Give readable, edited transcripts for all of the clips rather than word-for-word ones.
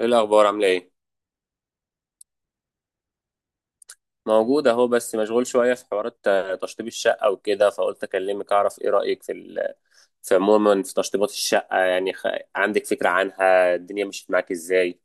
ايه الاخبار؟ عامله ايه؟ موجود اهو، بس مشغول شويه في حوارات، تشطيب الشقه وكده. فقلت اكلمك اعرف ايه رايك في في عموما في تشطيبات الشقه. يعني عندك فكره عنها؟ الدنيا مشيت معاك ازاي؟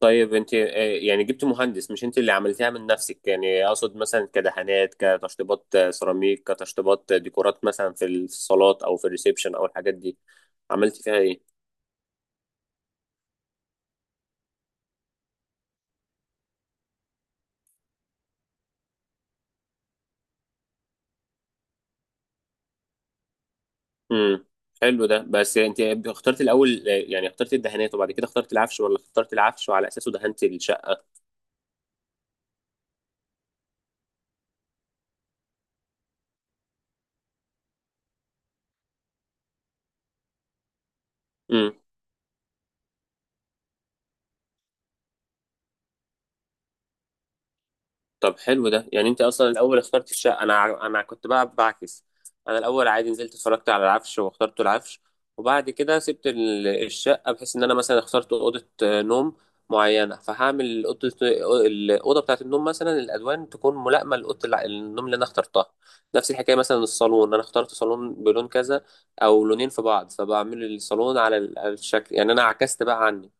طيب انت، يعني جبت مهندس، مش انت اللي عملتها من نفسك؟ يعني اقصد مثلا كدهانات، كتشطيبات سيراميك، كتشطيبات ديكورات، مثلا في الصالات او في الريسبشن او الحاجات دي، عملت فيها ايه؟ امم حلو ده. بس انت اخترت الاول يعني اخترت الدهانات وبعد كده اخترت العفش، ولا اخترت العفش وعلى اساسه دهنت الشقه؟ طب حلو ده. يعني انت اصلا الاول اخترت الشقه. انا كنت بقى بعكس. انا الاول عادي نزلت اتفرجت على العفش واخترت العفش، وبعد كده سبت الشقه، بحيث ان انا مثلا اخترت اوضه نوم معينه فهعمل اوضه، الاوضه بتاعه النوم مثلا الالوان تكون ملائمه النوم اللي انا اخترتها. نفس الحكايه مثلا الصالون، انا اخترت صالون بلون كذا او لونين في بعض، فبعمل الصالون على على الشكل. يعني انا عكست بقى عني.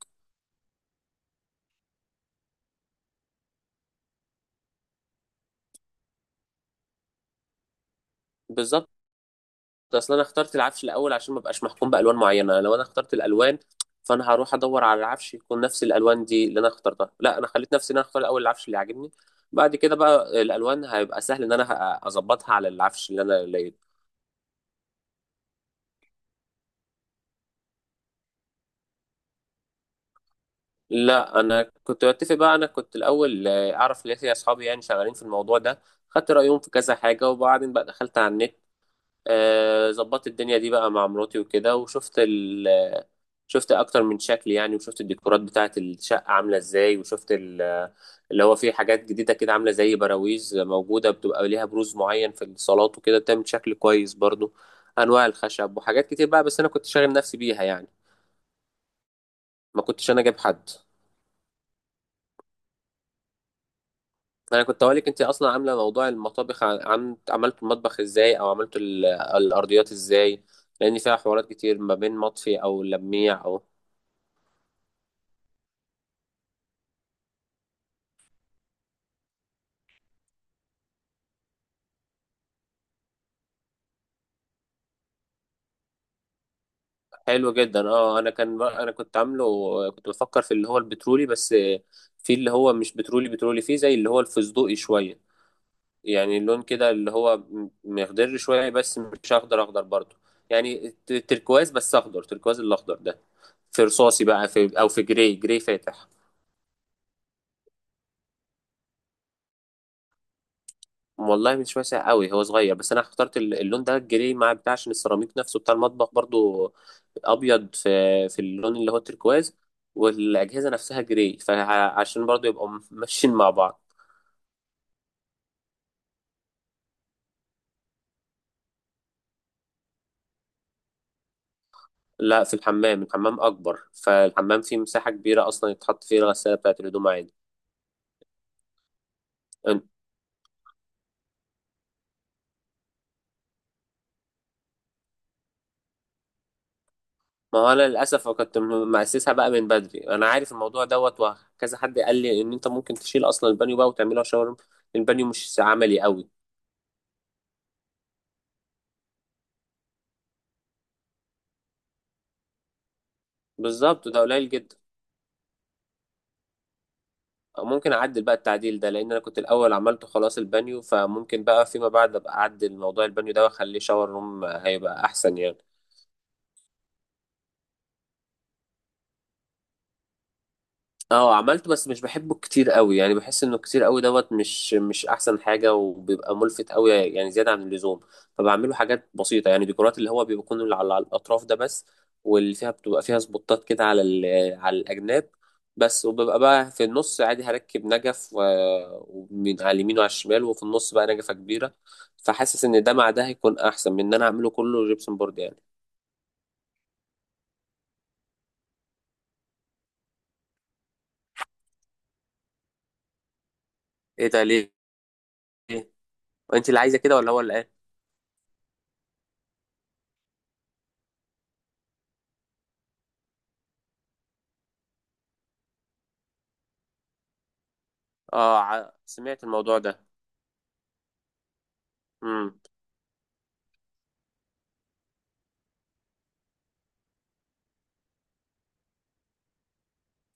بالظبط. اصل انا اخترت العفش الاول عشان ما ابقاش محكوم بالوان معينه. لو انا اخترت الالوان فانا هروح ادور على العفش يكون نفس الالوان دي اللي انا اخترتها. لا، انا خليت نفسي ان انا اختار الاول العفش اللي عاجبني، بعد كده بقى الالوان هيبقى سهل ان انا اظبطها على العفش اللي انا لقيته. لا، انا كنت بتفق بقى. انا كنت الاول اعرف ليه اصحابي يعني شغالين في الموضوع ده، خدت رايهم في كذا حاجه، وبعدين بقى دخلت على النت. ظبطت الدنيا دي بقى مع مراتي وكده، وشفت شفت اكتر من شكل يعني، وشفت الديكورات بتاعه الشقه عامله ازاي، وشفت اللي هو فيه حاجات جديده كده، عامله زي براويز موجوده بتبقى ليها بروز معين في الصالات وكده، بتعمل شكل كويس برضو. انواع الخشب وحاجات كتير بقى، بس انا كنت شاغل نفسي بيها يعني. ما كنتش انا جايب حد. انا كنت اقولك انت اصلا عامله موضوع المطابخ، عملت المطبخ ازاي؟ او عملت الارضيات ازاي؟ لان فيها حوارات كتير ما بين مطفي او لميع او، حلو جدا. انا كنت عامله، كنت بفكر في اللي هو البترولي. بس في اللي هو مش بترولي بترولي، فيه زي اللي هو الفستقي شويه، يعني اللون كده اللي هو مخضر شويه بس مش اخضر اخضر برضه. يعني تركواز، بس اخضر تركواز، الاخضر ده. في رصاصي بقى، في او في جراي، جراي فاتح. والله مش واسع قوي، هو صغير، بس انا اخترت اللون ده الجري مع بتاع، عشان السيراميك نفسه بتاع المطبخ برضو ابيض، في في اللون اللي هو التركواز، والاجهزه نفسها جري، فعشان برضو يبقوا ماشيين مع بعض. لا، في الحمام. الحمام اكبر، فالحمام فيه مساحه كبيره اصلا يتحط فيه الغساله بتاعه الهدوم عادي. أن- ما هو انا للاسف كنت مأسسها بقى من بدري. انا عارف الموضوع دوت، وكذا حد قال لي ان انت ممكن تشيل اصلا البانيو بقى وتعمله شاور. البانيو مش عملي قوي. بالظبط، ده قليل جدا. ممكن اعدل بقى التعديل ده، لان انا كنت الاول عملته خلاص البانيو، فممكن بقى فيما بعد ابقى اعدل موضوع البانيو ده واخليه شاور روم، هيبقى احسن يعني. اه، عملته. بس مش بحبه كتير قوي يعني، بحس انه كتير قوي دوت، مش احسن حاجه، وبيبقى ملفت قوي يعني زياده عن اللزوم. فبعمله حاجات بسيطه، يعني ديكورات اللي هو بيكون اللي على على الاطراف ده بس، واللي فيها بتبقى فيها سبوتات كده على على الاجناب بس. وببقى بقى في النص عادي هركب نجف، ومن على اليمين وعلى الشمال وفي النص بقى نجفه كبيره. فحاسس ان ده مع ده هيكون احسن من ان انا اعمله كله جبسن بورد يعني. ايه ده؟ ليه؟ انت اللي عايزه كده ولا هو اللي قال؟ اه، سمعت الموضوع ده. مم.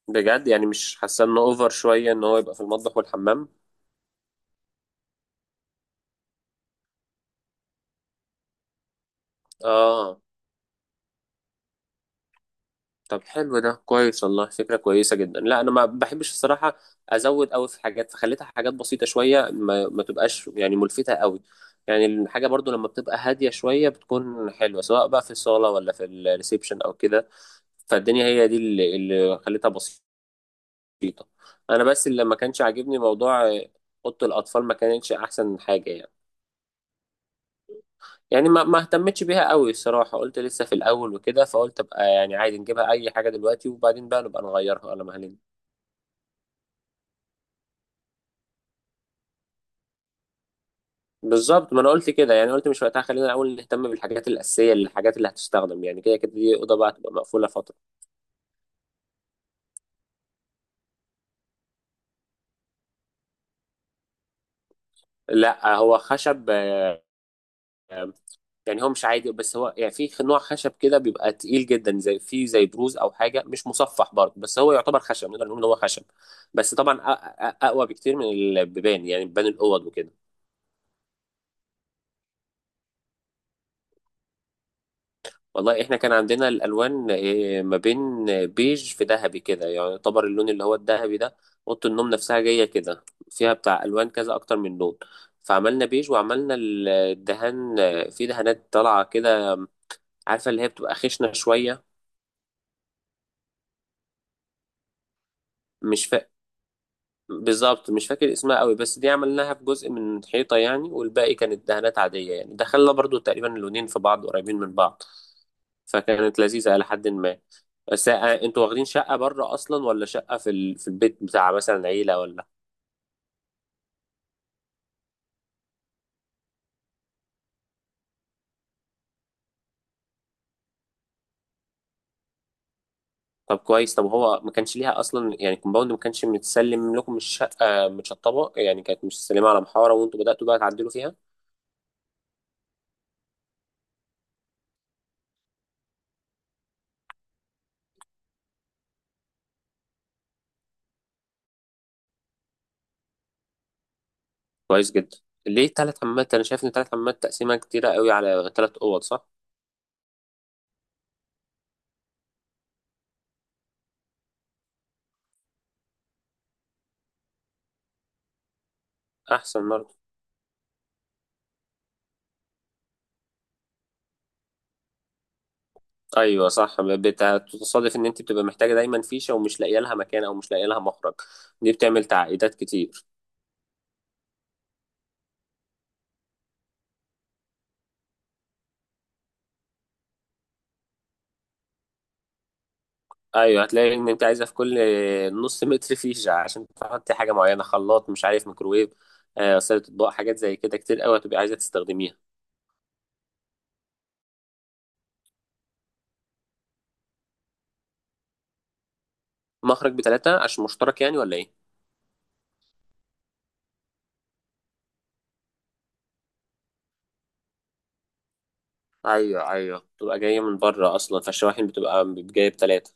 بجد؟ يعني مش حاسه انه اوفر شويه ان هو يبقى في المطبخ والحمام؟ اه. طب حلو، ده كويس والله، فكره كويسه جدا. لا انا ما بحبش الصراحه ازود قوي في حاجات، فخليتها حاجات بسيطه شويه، ما تبقاش يعني ملفته قوي. يعني الحاجه برضو لما بتبقى هاديه شويه بتكون حلوه، سواء بقى في الصاله ولا في الريسبشن او كده. فالدنيا هي دي اللي خليتها بسيطه. انا بس اللي ما كانش عاجبني موضوع، اوضه الاطفال ما كانتش احسن حاجه يعني. يعني ما اهتمتش بيها قوي الصراحة، قلت لسه في الأول وكده، فقلت أبقى يعني عادي نجيبها أي حاجة دلوقتي وبعدين بقى نبقى نغيرها ولا مهلين. بالظبط، ما أنا قلت كده. يعني قلت مش وقتها، خلينا الأول نهتم بالحاجات الأساسية، الحاجات اللي هتستخدم يعني، كده كده دي أوضة بقى تبقى مقفولة فترة. لا هو خشب، آه، يعني هو مش عادي، بس هو يعني في نوع خشب كده بيبقى تقيل جدا، زي في زي بروز أو حاجة، مش مصفح برضه، بس هو يعتبر خشب، نقدر نقول إن هو خشب. بس طبعا أقوى بكتير من البيبان يعني، بيبان الأوض وكده. والله احنا كان عندنا الالوان، ما بين بيج في ذهبي كده، يعني يعتبر اللون اللي هو الذهبي ده. اوضه النوم نفسها جايه كده، فيها بتاع الوان كذا، اكتر من لون. فعملنا بيج، وعملنا الدهان، في دهانات طالعه كده، عارفه اللي هي بتبقى خشنه شويه. مش فا... بالظبط مش فاكر اسمها قوي، بس دي عملناها في جزء من الحيطه يعني، والباقي كانت دهانات عاديه يعني، دخلنا برضو تقريبا اللونين في بعض قريبين من بعض. فكانت لذيذة إلى حد ما. بس انتوا واخدين شقة بره أصلا، ولا شقة في في البيت بتاع مثلا عيلة، ولا؟ طب كويس. طب هو ما كانش ليها أصلا يعني، الكومباوند ما كانش متسلم لكم الشقة متشطبة يعني؟ كانت متسلمة على محارة وانتوا بدأتوا بقى تعدلوا فيها؟ كويس جدا. ليه تلات حمامات؟ أنا شايف إن تلات حمامات تقسيمة كتيرة قوي على تلات أوض، صح؟ أحسن برضه. أيوه صح، بتصادف إن أنت بتبقى محتاجة دايما فيشة ومش لاقية لها مكان أو مش لاقية لها مخرج. دي بتعمل تعقيدات كتير. ايوه، هتلاقي ان انت عايزه في كل نص متر فيشه، عشان تحطي حاجه معينه، خلاط، مش عارف، ميكروويف، غساله اطباق، حاجات زي كده كتير قوي هتبقي عايزه تستخدميها. مخرج بتلاتة عشان مشترك يعني، ولا ايه؟ ايوه بتبقى جايه من بره اصلا، فالشواحن بتبقى جايه بتلاتة.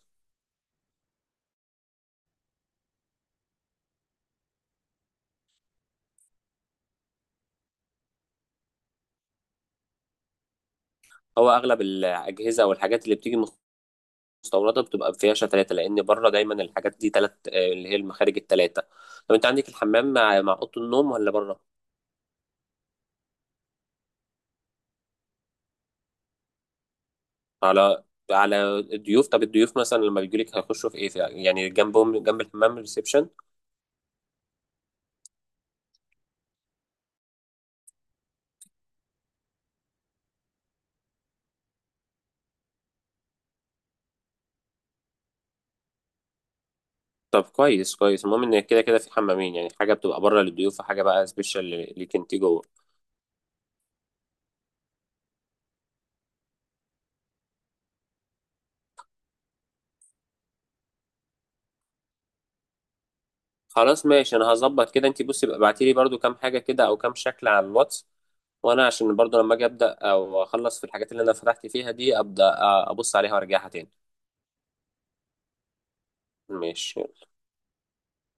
هو اغلب الاجهزه او الحاجات اللي بتيجي مستورده بتبقى فيها تلاتة، لان بره دايما الحاجات دي تلات، اللي هي المخارج التلاتة. طب انت عندك الحمام مع اوضه النوم ولا بره؟ على على الضيوف. طب الضيوف مثلا لما بيجوا لك هيخشوا في ايه؟ في يعني جنبهم جنب الحمام ريسبشن؟ طب كويس كويس، المهم ان كده كده في حمامين، يعني حاجه بتبقى بره للضيوف وحاجه بقى سبيشال ليك انت جوه. خلاص ماشي، انا هظبط كده. انت بصي بقى، ابعتي لي برده كام حاجه كده او كام شكل على الواتس، وانا عشان برضو لما اجي ابدا او اخلص في الحاجات اللي انا فتحت فيها دي، ابدا ابص عليها وارجعها تاني. ماشي.